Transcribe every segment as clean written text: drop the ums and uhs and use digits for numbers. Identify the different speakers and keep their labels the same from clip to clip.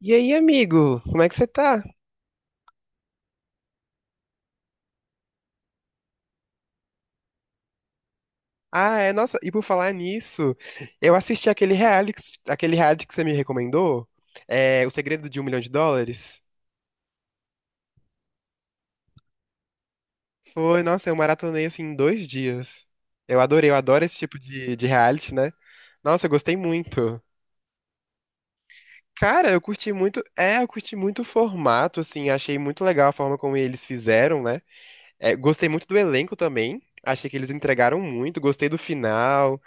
Speaker 1: E aí, amigo, como é que você tá? Ah, é, nossa, e por falar nisso, eu assisti aquele reality, que você me recomendou, O Segredo de um Milhão de Dólares. Foi, nossa, eu maratonei assim em dois dias. Eu adorei, eu adoro esse tipo de reality, né? Nossa, eu gostei muito. Cara, eu curti muito, eu curti muito o formato, assim, achei muito legal a forma como eles fizeram, né? É, gostei muito do elenco também, achei que eles entregaram muito, gostei do final.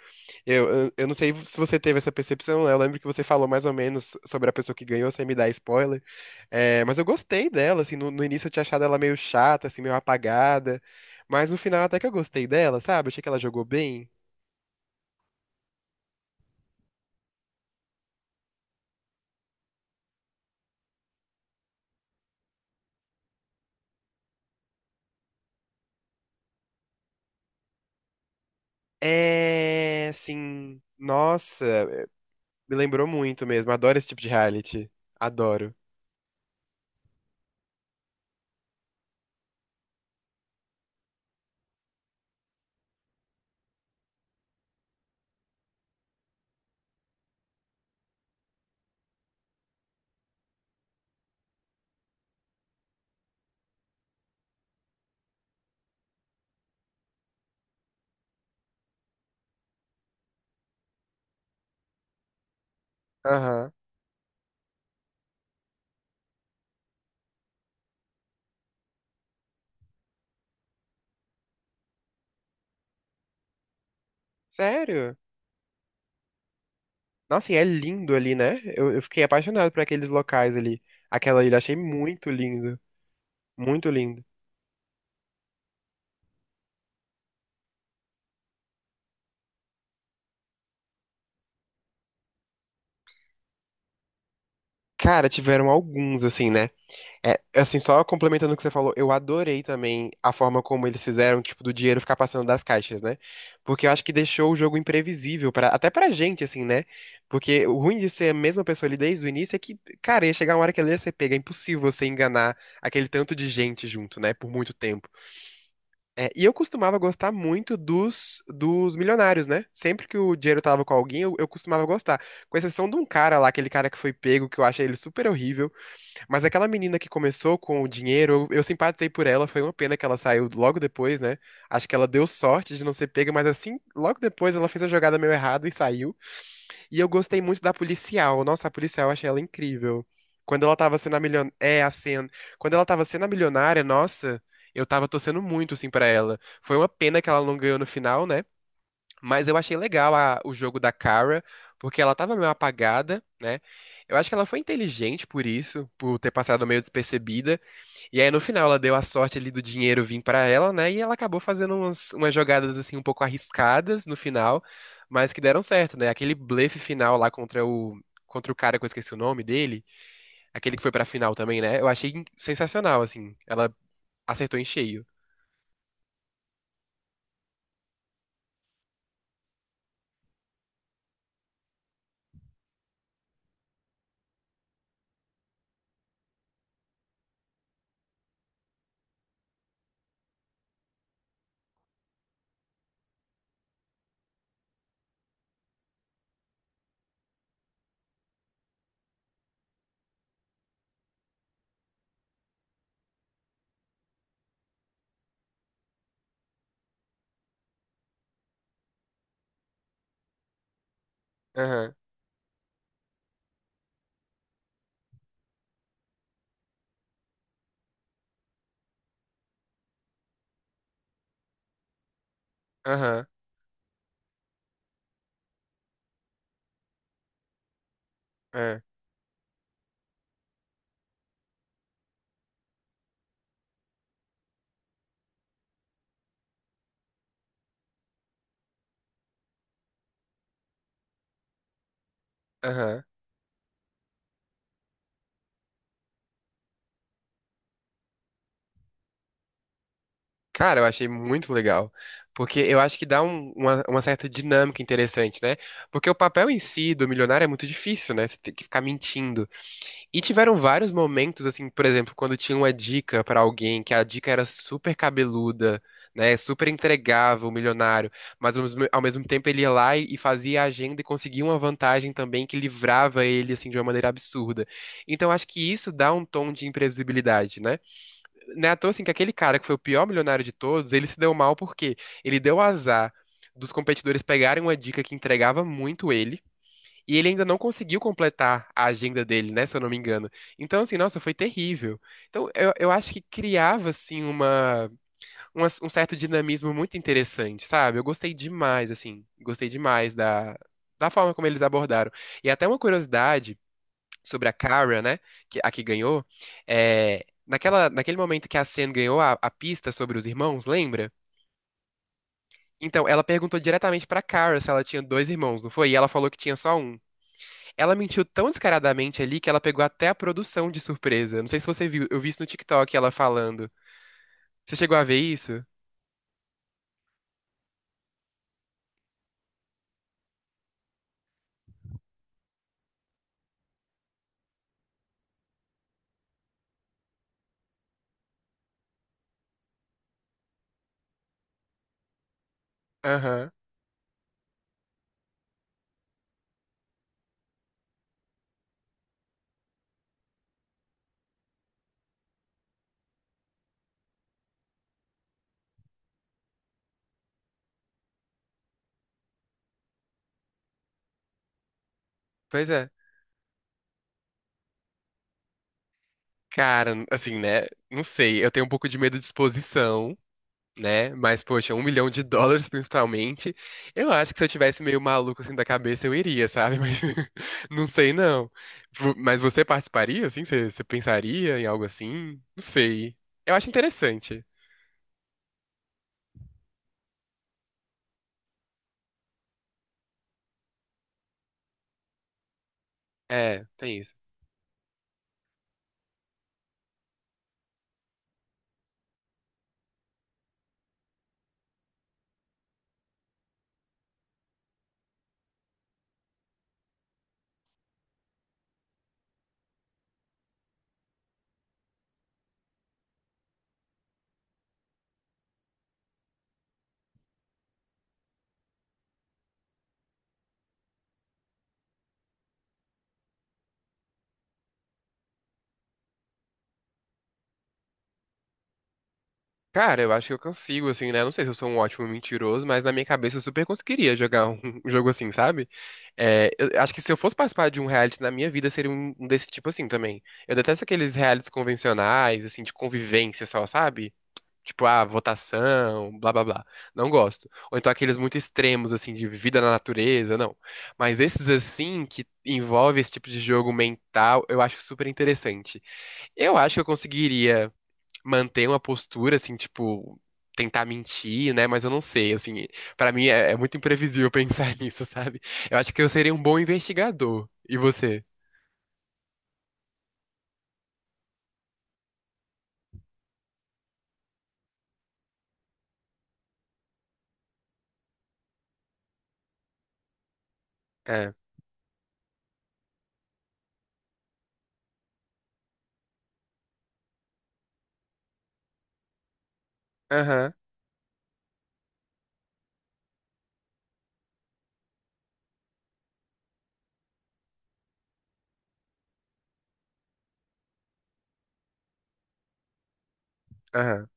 Speaker 1: Eu não sei se você teve essa percepção, né? Eu lembro que você falou mais ou menos sobre a pessoa que ganhou, sem me dar spoiler. É, mas eu gostei dela, assim, no início eu tinha achado ela meio chata, assim, meio apagada. Mas no final até que eu gostei dela, sabe? Achei que ela jogou bem. É, assim, nossa, me lembrou muito mesmo. Adoro esse tipo de reality. Adoro. Aham. Sério? Nossa, e é lindo ali, né? Eu fiquei apaixonado por aqueles locais ali. Aquela ilha, achei muito lindo. Muito lindo. Cara, tiveram alguns, assim, né? É, assim, só complementando o que você falou, eu adorei também a forma como eles fizeram, tipo, do dinheiro ficar passando das caixas, né? Porque eu acho que deixou o jogo imprevisível, pra, até pra gente, assim, né? Porque o ruim de ser a mesma pessoa ali desde o início é que, cara, ia chegar uma hora que ela ia ser pega, é impossível você enganar aquele tanto de gente junto, né? Por muito tempo. É, e eu costumava gostar muito dos milionários, né? Sempre que o dinheiro tava com alguém, eu costumava gostar. Com exceção de um cara lá, aquele cara que foi pego, que eu achei ele super horrível. Mas aquela menina que começou com o dinheiro, eu simpatizei por ela, foi uma pena que ela saiu logo depois, né? Acho que ela deu sorte de não ser pega, mas assim, logo depois ela fez a jogada meio errada e saiu. E eu gostei muito da policial. Nossa, a policial, eu achei ela incrível. Quando ela tava sendo a milionária, é, a Sen. Quando ela tava sendo a milionária, nossa, eu tava torcendo muito, assim, pra ela. Foi uma pena que ela não ganhou no final, né? Mas eu achei legal o jogo da Kara, porque ela tava meio apagada, né? Eu acho que ela foi inteligente por isso, por ter passado meio despercebida. E aí no final ela deu a sorte ali do dinheiro vir pra ela, né? E ela acabou fazendo umas, umas jogadas assim um pouco arriscadas no final, mas que deram certo, né? Aquele blefe final lá contra o cara que eu esqueci o nome dele, aquele que foi pra final também, né? Eu achei sensacional assim. Ela acertou em cheio. Aham, aham, é, aham. Cara, eu achei muito legal. Porque eu acho que dá uma certa dinâmica interessante, né? Porque o papel em si do milionário é muito difícil, né? Você tem que ficar mentindo. E tiveram vários momentos, assim, por exemplo, quando tinha uma dica pra alguém, que a dica era super cabeluda, né? Super entregava o milionário. Mas ao mesmo tempo ele ia lá e fazia a agenda e conseguia uma vantagem também que livrava ele, assim, de uma maneira absurda. Então acho que isso dá um tom de imprevisibilidade, né? Não é à toa, assim, que aquele cara que foi o pior milionário de todos, ele se deu mal porque ele deu azar dos competidores pegarem uma dica que entregava muito ele, e ele ainda não conseguiu completar a agenda dele, né, se eu não me engano. Então, assim, nossa, foi terrível. Então, eu acho que criava, assim, um certo dinamismo muito interessante, sabe? Eu gostei demais, assim, gostei demais da, da forma como eles abordaram. E até uma curiosidade sobre a Kara, né? Que, a que ganhou. É, naquele momento que a Sen ganhou a pista sobre os irmãos, lembra? Então, ela perguntou diretamente pra Kara se ela tinha dois irmãos, não foi? E ela falou que tinha só um. Ela mentiu tão descaradamente ali que ela pegou até a produção de surpresa. Não sei se você viu, eu vi isso no TikTok ela falando. Você chegou a ver isso? Aham, pois é. Cara, assim, né? Não sei, eu tenho um pouco de medo de exposição. Né? Mas, poxa, um milhão de dólares principalmente. Eu acho que se eu tivesse meio maluco assim da cabeça, eu iria, sabe? Mas não sei, não. Mas você participaria, assim? Você pensaria em algo assim? Não sei. Eu acho interessante. É, tem isso. Cara, eu acho que eu consigo, assim, né? Não sei se eu sou um ótimo mentiroso, mas na minha cabeça eu super conseguiria jogar um um jogo assim, sabe? É, eu acho que se eu fosse participar de um reality na minha vida, seria um desse tipo assim também. Eu detesto aqueles realities convencionais, assim, de convivência só, sabe? Tipo, ah, votação, blá blá blá. Não gosto. Ou então aqueles muito extremos, assim, de vida na natureza, não. Mas esses, assim, que envolve esse tipo de jogo mental, eu acho super interessante. Eu acho que eu conseguiria manter uma postura, assim, tipo, tentar mentir, né? Mas eu não sei, assim, pra mim é muito imprevisível pensar nisso, sabe? Eu acho que eu seria um bom investigador. E você? É. Aham, aham.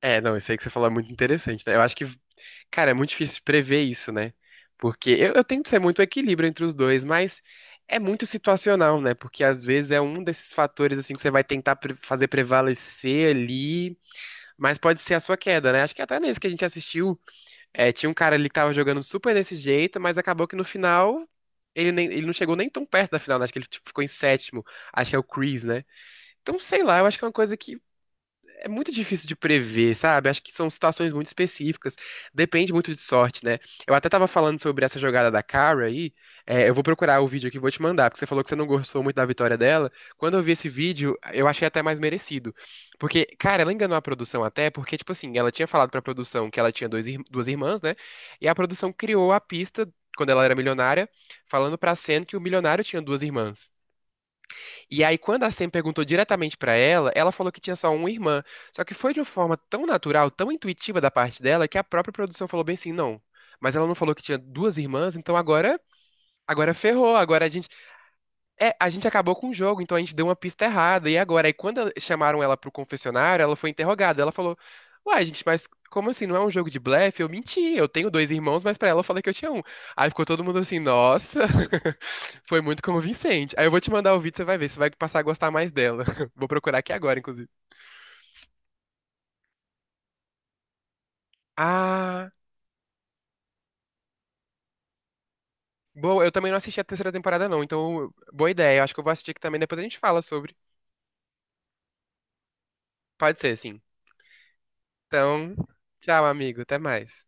Speaker 1: É, não, isso aí que você falou é muito interessante, né? Eu acho que, cara, é muito difícil prever isso, né? Porque eu tento ser muito equilíbrio entre os dois, mas é muito situacional, né? Porque às vezes é um desses fatores, assim, que você vai tentar fazer prevalecer ali, mas pode ser a sua queda, né? Acho que até nesse que a gente assistiu, é, tinha um cara ali que tava jogando super desse jeito, mas acabou que no final. Ele não chegou nem tão perto da final, né? Acho que ele tipo, ficou em sétimo. Acho que é o Chris, né? Então, sei lá, eu acho que é uma coisa que é muito difícil de prever, sabe? Acho que são situações muito específicas. Depende muito de sorte, né? Eu até tava falando sobre essa jogada da Cara aí. É, eu vou procurar o vídeo aqui e vou te mandar, porque você falou que você não gostou muito da vitória dela. Quando eu vi esse vídeo, eu achei até mais merecido. Porque, cara, ela enganou a produção até, porque, tipo assim, ela tinha falado pra produção que ela tinha duas irmãs, né? E a produção criou a pista, quando ela era milionária, falando pra Sen que o milionário tinha duas irmãs. E aí, quando a Sam perguntou diretamente pra ela, ela falou que tinha só uma irmã. Só que foi de uma forma tão natural, tão intuitiva da parte dela, que a própria produção falou bem assim, não. Mas ela não falou que tinha duas irmãs, então agora, agora ferrou. Agora a gente, é, a gente acabou com o jogo, então a gente deu uma pista errada. E agora, aí quando chamaram ela pro confessionário, ela foi interrogada. Ela falou: "Uai, gente, mas como assim? Não é um jogo de blefe? Eu menti. Eu tenho dois irmãos, mas pra ela eu falei que eu tinha um". Aí ficou todo mundo assim: "Nossa, foi muito convincente. Aí eu vou te mandar o vídeo, você vai ver, você vai passar a gostar mais dela. Vou procurar aqui agora, inclusive. Ah, boa, eu também não assisti a terceira temporada, não, então boa ideia. Eu acho que eu vou assistir aqui também, depois a gente fala sobre. Pode ser, sim. Então, tchau, amigo, até mais.